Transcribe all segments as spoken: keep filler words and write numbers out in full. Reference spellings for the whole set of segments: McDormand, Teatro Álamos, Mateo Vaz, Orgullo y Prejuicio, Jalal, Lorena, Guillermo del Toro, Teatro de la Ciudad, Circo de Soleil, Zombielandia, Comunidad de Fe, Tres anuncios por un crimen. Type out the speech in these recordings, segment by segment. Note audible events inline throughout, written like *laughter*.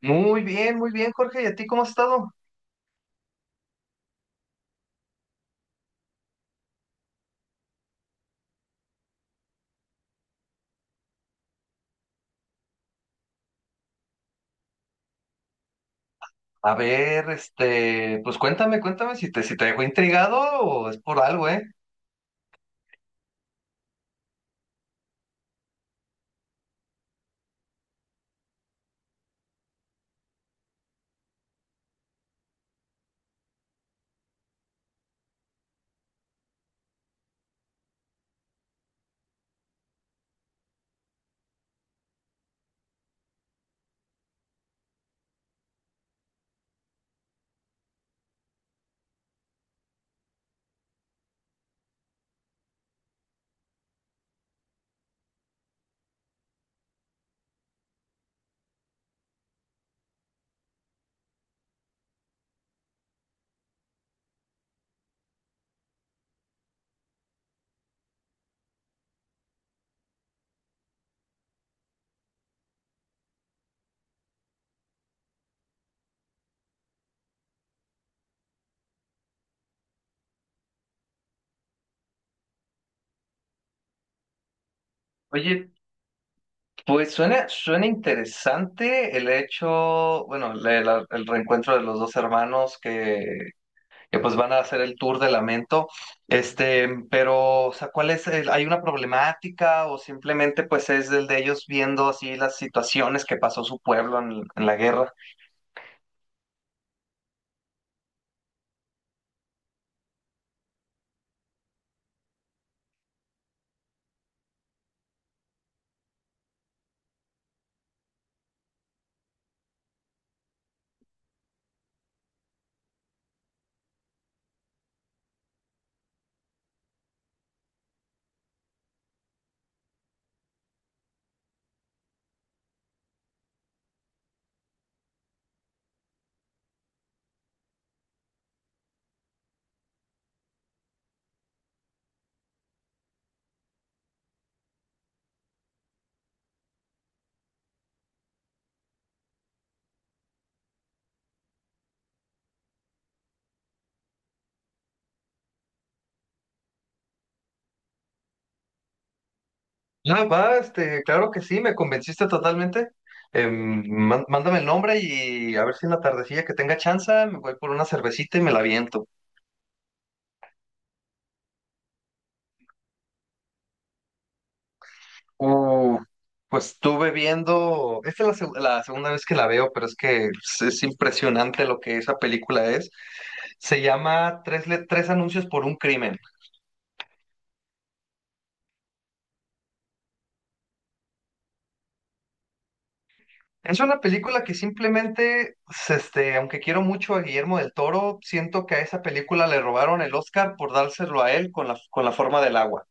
Muy bien, muy bien, Jorge. ¿Y a ti cómo has estado? A ver, este, pues cuéntame, cuéntame si te, si te dejó intrigado o es por algo, ¿eh? Oye, pues suena, suena interesante el hecho, bueno, la- la- el reencuentro de los dos hermanos que, que pues van a hacer el tour de Lamento. Este, pero, o sea, ¿cuál es el- hay una problemática o simplemente pues es el de ellos viendo así las situaciones que pasó su pueblo en en la guerra? Ah, va, este, claro que sí, me convenciste totalmente. Em, man- mándame el nombre y a ver si en la tardecilla que tenga chance me voy por una cervecita y me la aviento. Uh, pues estuve viendo, esta es la, seg- la segunda vez que la veo, pero es que es, es impresionante lo que esa película es. Se llama Tres, le- Tres anuncios por un crimen. Es una película que simplemente, s- este, aunque quiero mucho a Guillermo del Toro, siento que a esa película le robaron el Oscar por dárselo a él con la, con la forma del agua.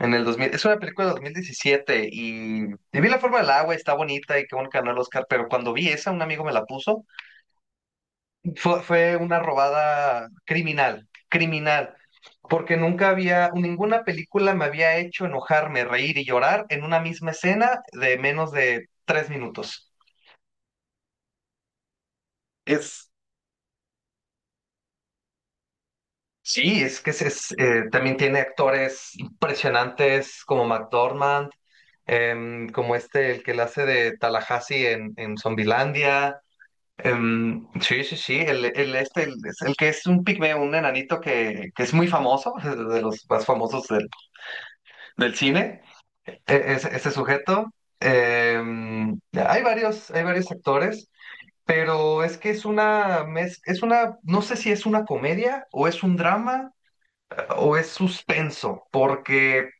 En el dos mil, es una película de dos mil diecisiete y, y vi la forma del agua, está bonita y qué bueno que ganó el Oscar, pero cuando vi esa, un amigo me la puso, fue, fue una robada criminal, criminal, porque nunca había, ninguna película me había hecho enojarme, reír y llorar en una misma escena de menos de tres minutos. Es, sí, es que es, es, eh, también tiene actores impresionantes como McDormand, em, como este, el que la hace de Tallahassee en, en Zombielandia. Em, sí, sí, sí, el, el este, el, es el que es un pigmeo, un enanito que, que es muy famoso, *laughs* de los más famosos del, del cine, e- ese, ese sujeto. Em, hay varios, hay varios actores, pero es que es una, mez- es una, no sé si es una comedia o es un drama o es suspenso, porque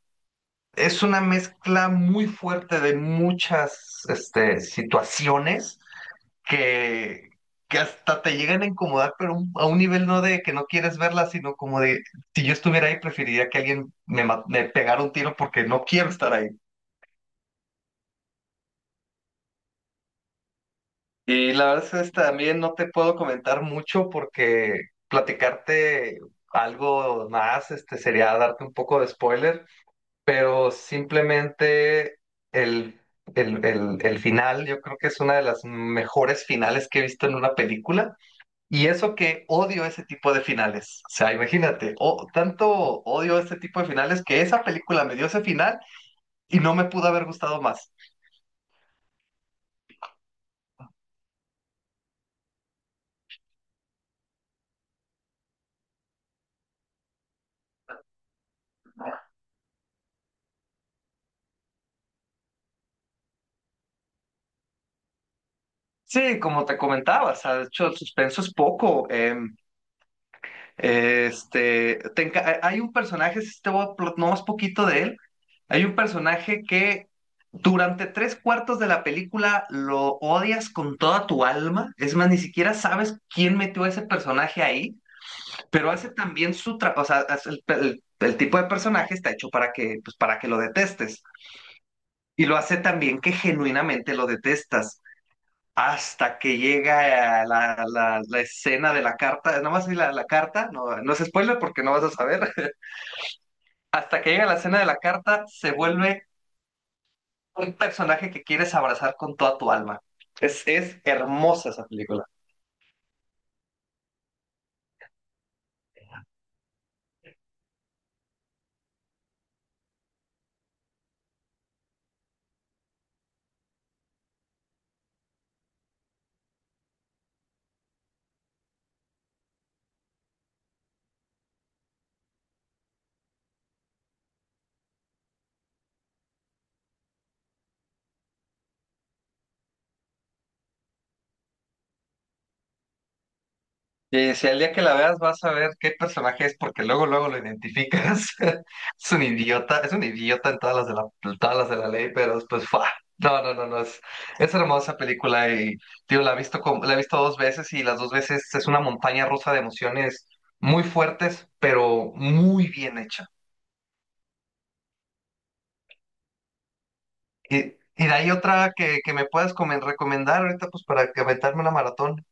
es una mezcla muy fuerte de muchas, este, situaciones que, que hasta te llegan a incomodar, pero un- a un nivel no de que no quieres verla, sino como de, si yo estuviera ahí, preferiría que alguien me, ma- me pegara un tiro porque no quiero estar ahí. Y la verdad es que también no te puedo comentar mucho porque platicarte algo más, este, sería darte un poco de spoiler, pero simplemente el, el, el, el final, yo creo que es una de las mejores finales que he visto en una película. Y eso que odio ese tipo de finales. O sea, imagínate, o, tanto odio este tipo de finales que esa película me dio ese final y no me pudo haber gustado más. Sí, como te comentaba, o sea, de hecho, el suspenso es poco. em, este, te enca- hay hay un personaje, si te voy a pl- no más poquito de él, hay un personaje que durante tres cuartos de la película lo odias con toda tu alma. Es más, ni siquiera sabes quién metió a ese personaje ahí. Pero hace también su trabajo, o sea, hace el, el- el tipo de personaje está hecho para que, pues, para que lo detestes. Y lo hace también que genuinamente lo detestas. Hasta que llega la, la- la escena de la carta. No más vi la, la carta, no, no es spoiler porque no vas a saber. *laughs* Hasta que llega la escena de la carta, se vuelve un personaje que quieres abrazar con toda tu alma. Es, es hermosa esa película. Y si al día que la veas vas a ver qué personaje es, porque luego, luego lo identificas. *laughs* Es un idiota, es un idiota en todas las de la, en todas las de la ley, pero después, ¡fua! No, no, no, no, es, es hermosa película y, tío, la he visto como, la he visto dos veces y las dos veces es una montaña rusa de emociones muy fuertes, pero muy bien hecha. Y, y de ahí otra que, que me puedas comen- recomendar ahorita, pues para que aventarme una maratón.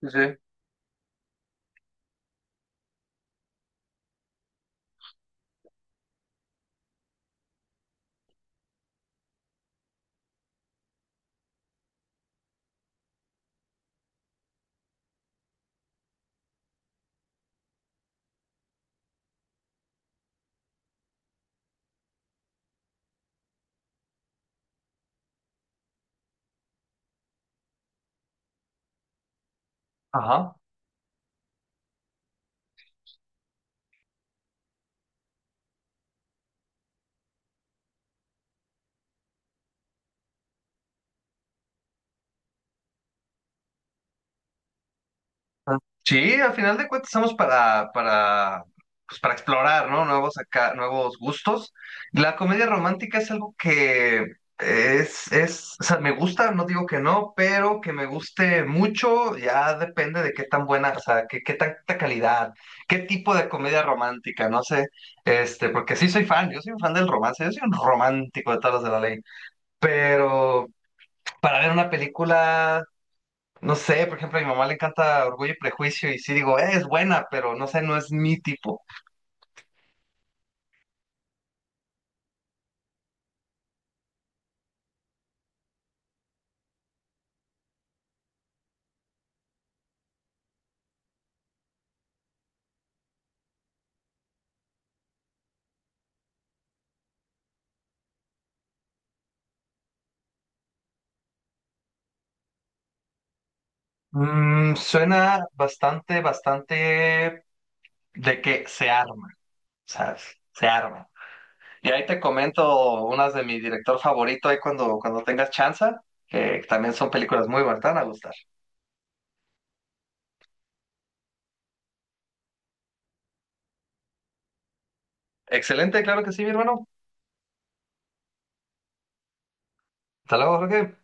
Sí, sí. Ajá. Sí, al final de cuentas estamos para, para, pues para explorar, ¿no? Nuevos acá, nuevos gustos. La comedia romántica es algo que es, es, o sea, me gusta, no digo que no, pero que me guste mucho, ya depende de qué tan buena, o sea, qué, qué tanta calidad, qué tipo de comedia romántica, no sé, este, porque sí soy fan, yo soy un fan del romance, yo soy un romántico de todas las de la ley, pero para ver una película no sé, por ejemplo, a mi mamá le encanta Orgullo y Prejuicio y sí digo, "Eh, es buena, pero no sé, no es mi tipo". Mm, suena bastante, bastante de que se arma, ¿sabes? Se arma. Y ahí te comento unas de mi director favorito ahí cuando, cuando tengas chance, que también son películas muy buenas, te van a gustar. Excelente, claro que sí, mi hermano. Hasta luego, Jorge.